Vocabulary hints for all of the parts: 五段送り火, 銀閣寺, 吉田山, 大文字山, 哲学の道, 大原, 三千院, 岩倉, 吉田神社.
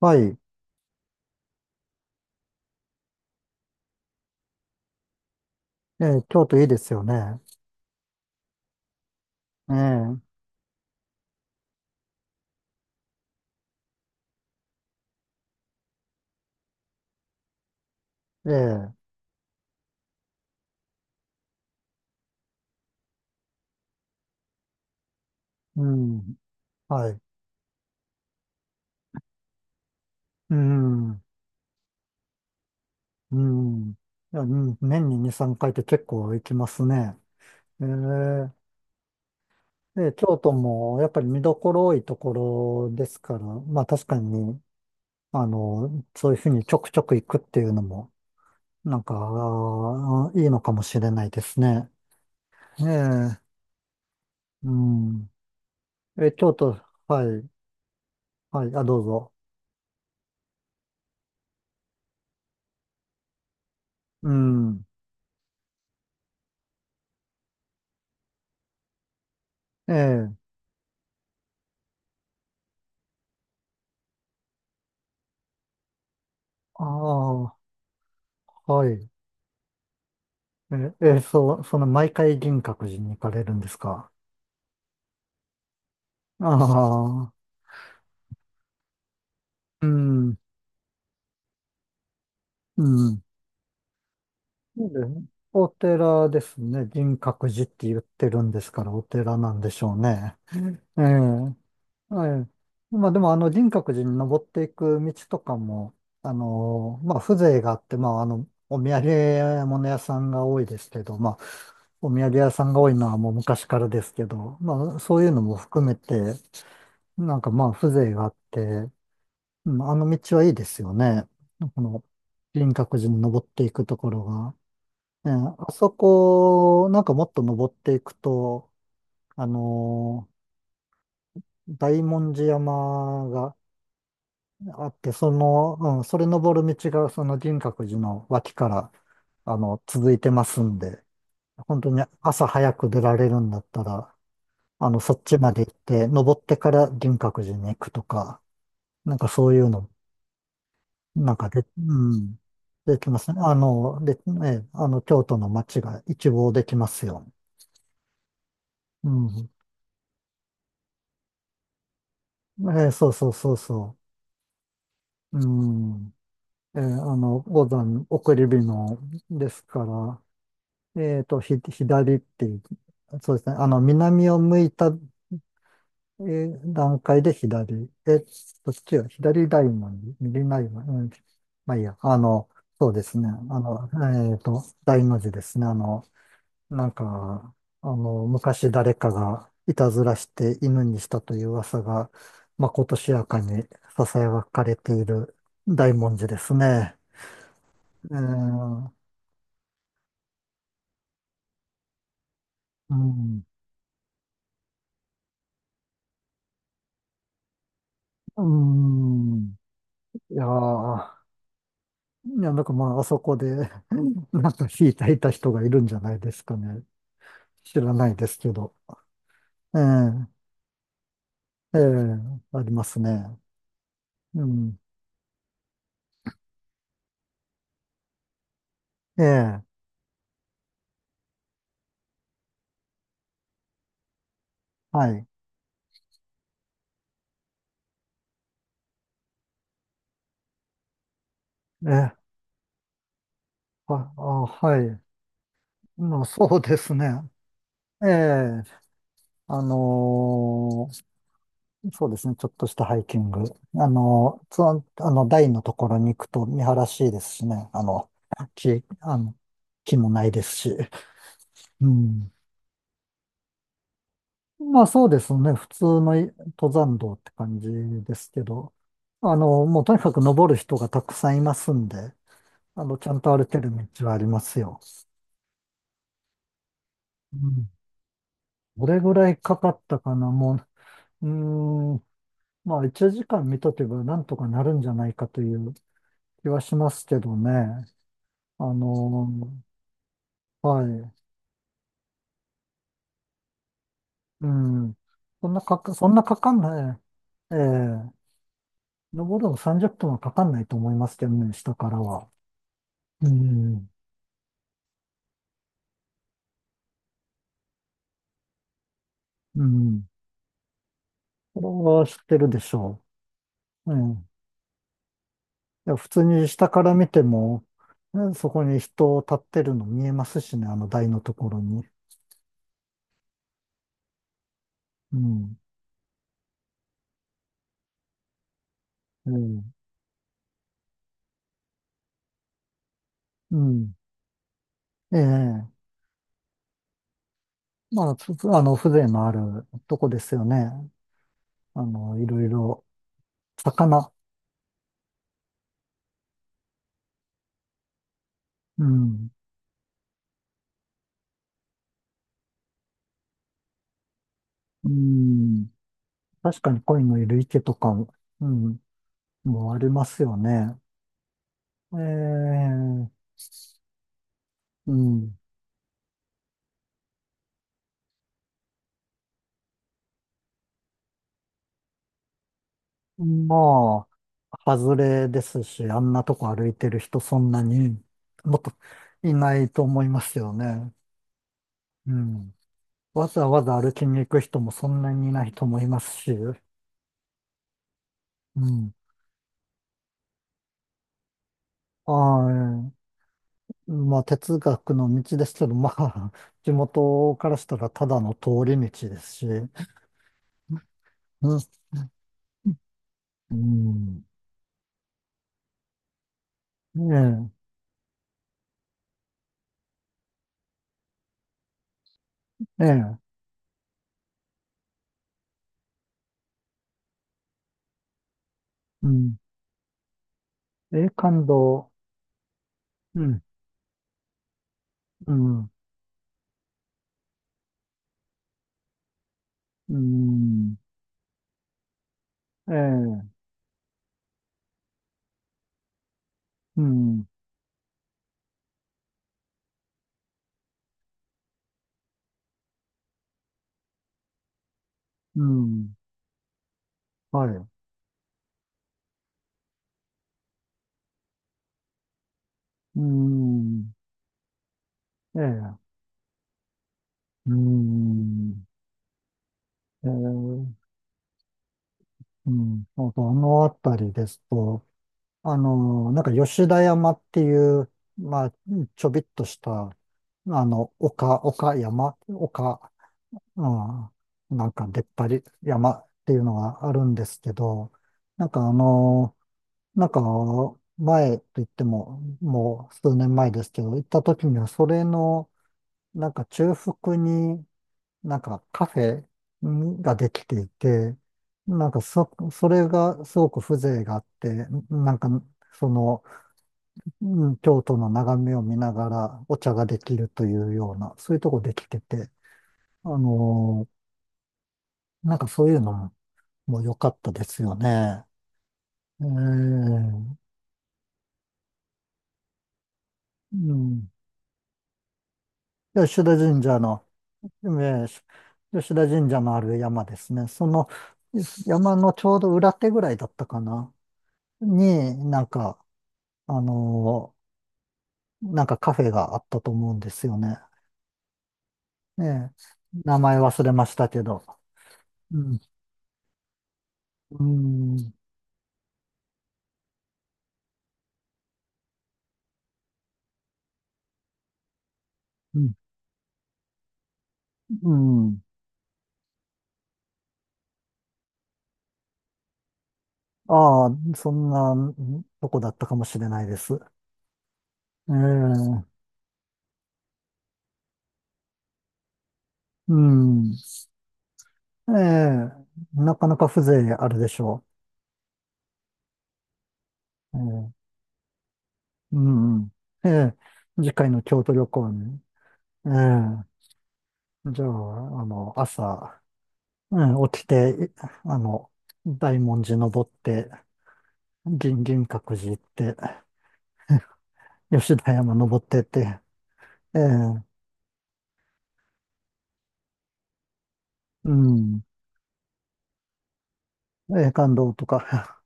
はい。ええ、京都いいですよね。ええ、ええ、うん。はい。うん、うん。いや、うん、年に2、3回って結構行きますね。ええ、で、京都もやっぱり見どころ多いところですから、まあ確かに、そういうふうにちょくちょく行くっていうのも、なんか、あーいいのかもしれないですね。ええ、うん。え、京都、はい、はい、あ、どうぞ。うん。ええ、ああ、はい。え、え、そう、その毎回銀閣寺に行かれるんですか？ああ、うん、うん。で、お寺ですね。銀閣寺って言ってるんですから、お寺なんでしょうね。ええ、はい。まあでも、銀閣寺に登っていく道とかも、あの、まあ、風情があって、まあ、あの、お土産物屋さんが多いですけど、まあ、お土産屋さんが多いのはもう昔からですけど、まあ、そういうのも含めて、なんかまあ風情があって、うん、あの道はいいですよね。この輪郭寺に登っていくところが。ね、あそこ、なんかもっと登っていくと、あのー大文字山があって、その、うん、それ登る道がその輪郭寺の脇から、あの、続いてますんで、本当に朝早く出られるんだったら、あの、そっちまで行って、登ってから輪郭寺に行くとか、なんかそういうのなんかで、うん。できますね。で、ね、あの、京都の街が一望できますよ。うん。そうそうそうそう。うん。あの、五段送り火のですから、ひ、左っていう、そうですね。あの、南を向いた、段階で左。え、どっちが左大門、右大門、うん。まあいいや。あの、そうですね。あの、大の字ですね。あの、なんか、あの、昔誰かがいたずらして犬にしたという噂が、まことしやかに囁かれている大文字ですね。えー、うん、うん、いやー、いや、なんかまあ、あそこで なんか引いていた人がいるんじゃないですかね。知らないですけど。えー、ええありますね。うん、ええはい。ええあ、あ、はい。まあ、そうですね。ええ、あのーそうですね、ちょっとしたハイキング。その、あの、台のところに行くと見晴らしいですしね、あの、木、あの、木もないですし。うん。まあそうですね、普通のい登山道って感じですけど、あの、もうとにかく登る人がたくさんいますんで、あの、ちゃんと歩ける道はありますよ。うん。どれぐらいかかったかな、もう、うーんまあ、1時間見とけばなんとかなるんじゃないかという気はしますけどね。あのはい。うん。そんなかか、そんなかかんない。ええ登るの30分はかかんないと思いますけどね、下からは。うん。うん。これは知ってるでしょう。うん。いや、普通に下から見ても、ね、そこに人立ってるの見えますしね、あの台のところに。うん。ええうん。ええまあ、ふあの、風情のあるとこですよね。あの、いろいろ、魚、うん、うん、確かに鯉のいる池とかも、うん、もうありますよね。ええ、うん、まあ、外れですし、あんなとこ歩いてる人そんなにもっといないと思いますよね。うん。わざわざ歩きに行く人もそんなにいないと思いますし、うん。はい。まあ、哲学の道ですけど、まあ、地元からしたらただの通り道ですし、うん、うん、ええ、ええ、うん、ええ、感動、うん、うん、うん、ええ、うん、うん、はい、うん、ええ、うん、ええ、うん、あと、あのあたりですと、あの、なんか吉田山っていう、まあ、ちょびっとした、あの、丘、丘山、丘、うん、なんか出っ張り山っていうのがあるんですけど、なんかあの、なんか前と言っても、もう数年前ですけど、行った時にはそれの、なんか中腹になんかカフェんができていて、なんかそ、それがすごく風情があって、なんかその、うん、京都の眺めを見ながらお茶ができるというような、そういうとこできてて、あのーなんかそういうのも良かったですよね。ええうん。吉田神社の、えー吉田神社のある山ですね。その山のちょうど裏手ぐらいだったかな、になんか、あのなんかカフェがあったと思うんですよね。ええ名前忘れましたけど。うん。うん。うん。うん、ああ、そんなとこだったかもしれないです。ええ、うん。ええ、なかなか風情あるでしょう。ええ、うん、うん。ええ、次回の京都旅行に。ええ、じゃあ、あの、朝、うん、起きて、い、あの、大文字登って、銀、銀閣寺行って、吉田山登ってって、ええ、うん、ええ感動とか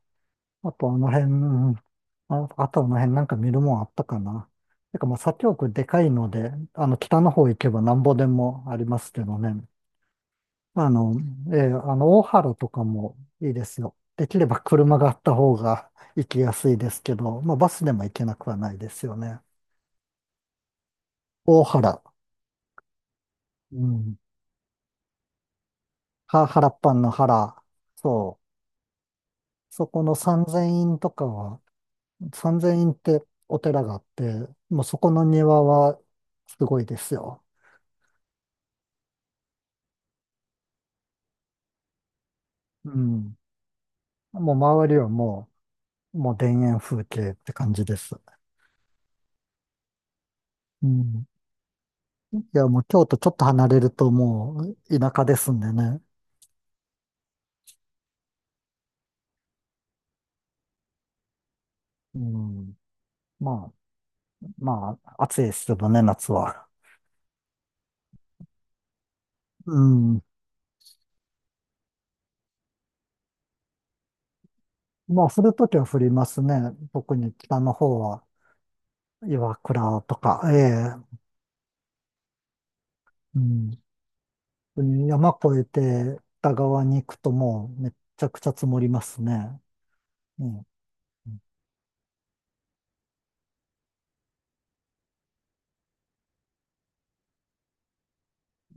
あとあの辺、うん、あ、あとあの辺なんか見るもんあったかな。てかまあ左京区でかいので、あの北の方行けばなんぼでもありますけどね。あの、あの大原とかもいいですよ。できれば車があった方が行きやすいですけど、まあバスでも行けなくはないですよね。大原。うん。は、原っぱんの原。そう。そこの三千院とかは、三千院ってお寺があって、もうそこの庭はすごいですよ。うん。もう周りはもう田園風景って感じです。うん。いや、もう京都ちょっと離れるともう田舎ですんでね。うん。まあ、暑いですけどね、夏は。うん。まあ、降るときは降りますね。特に北の方は、岩倉とか、ええ。うん。山越えて北側に行くともうめっちゃくちゃ積もりますね。うん。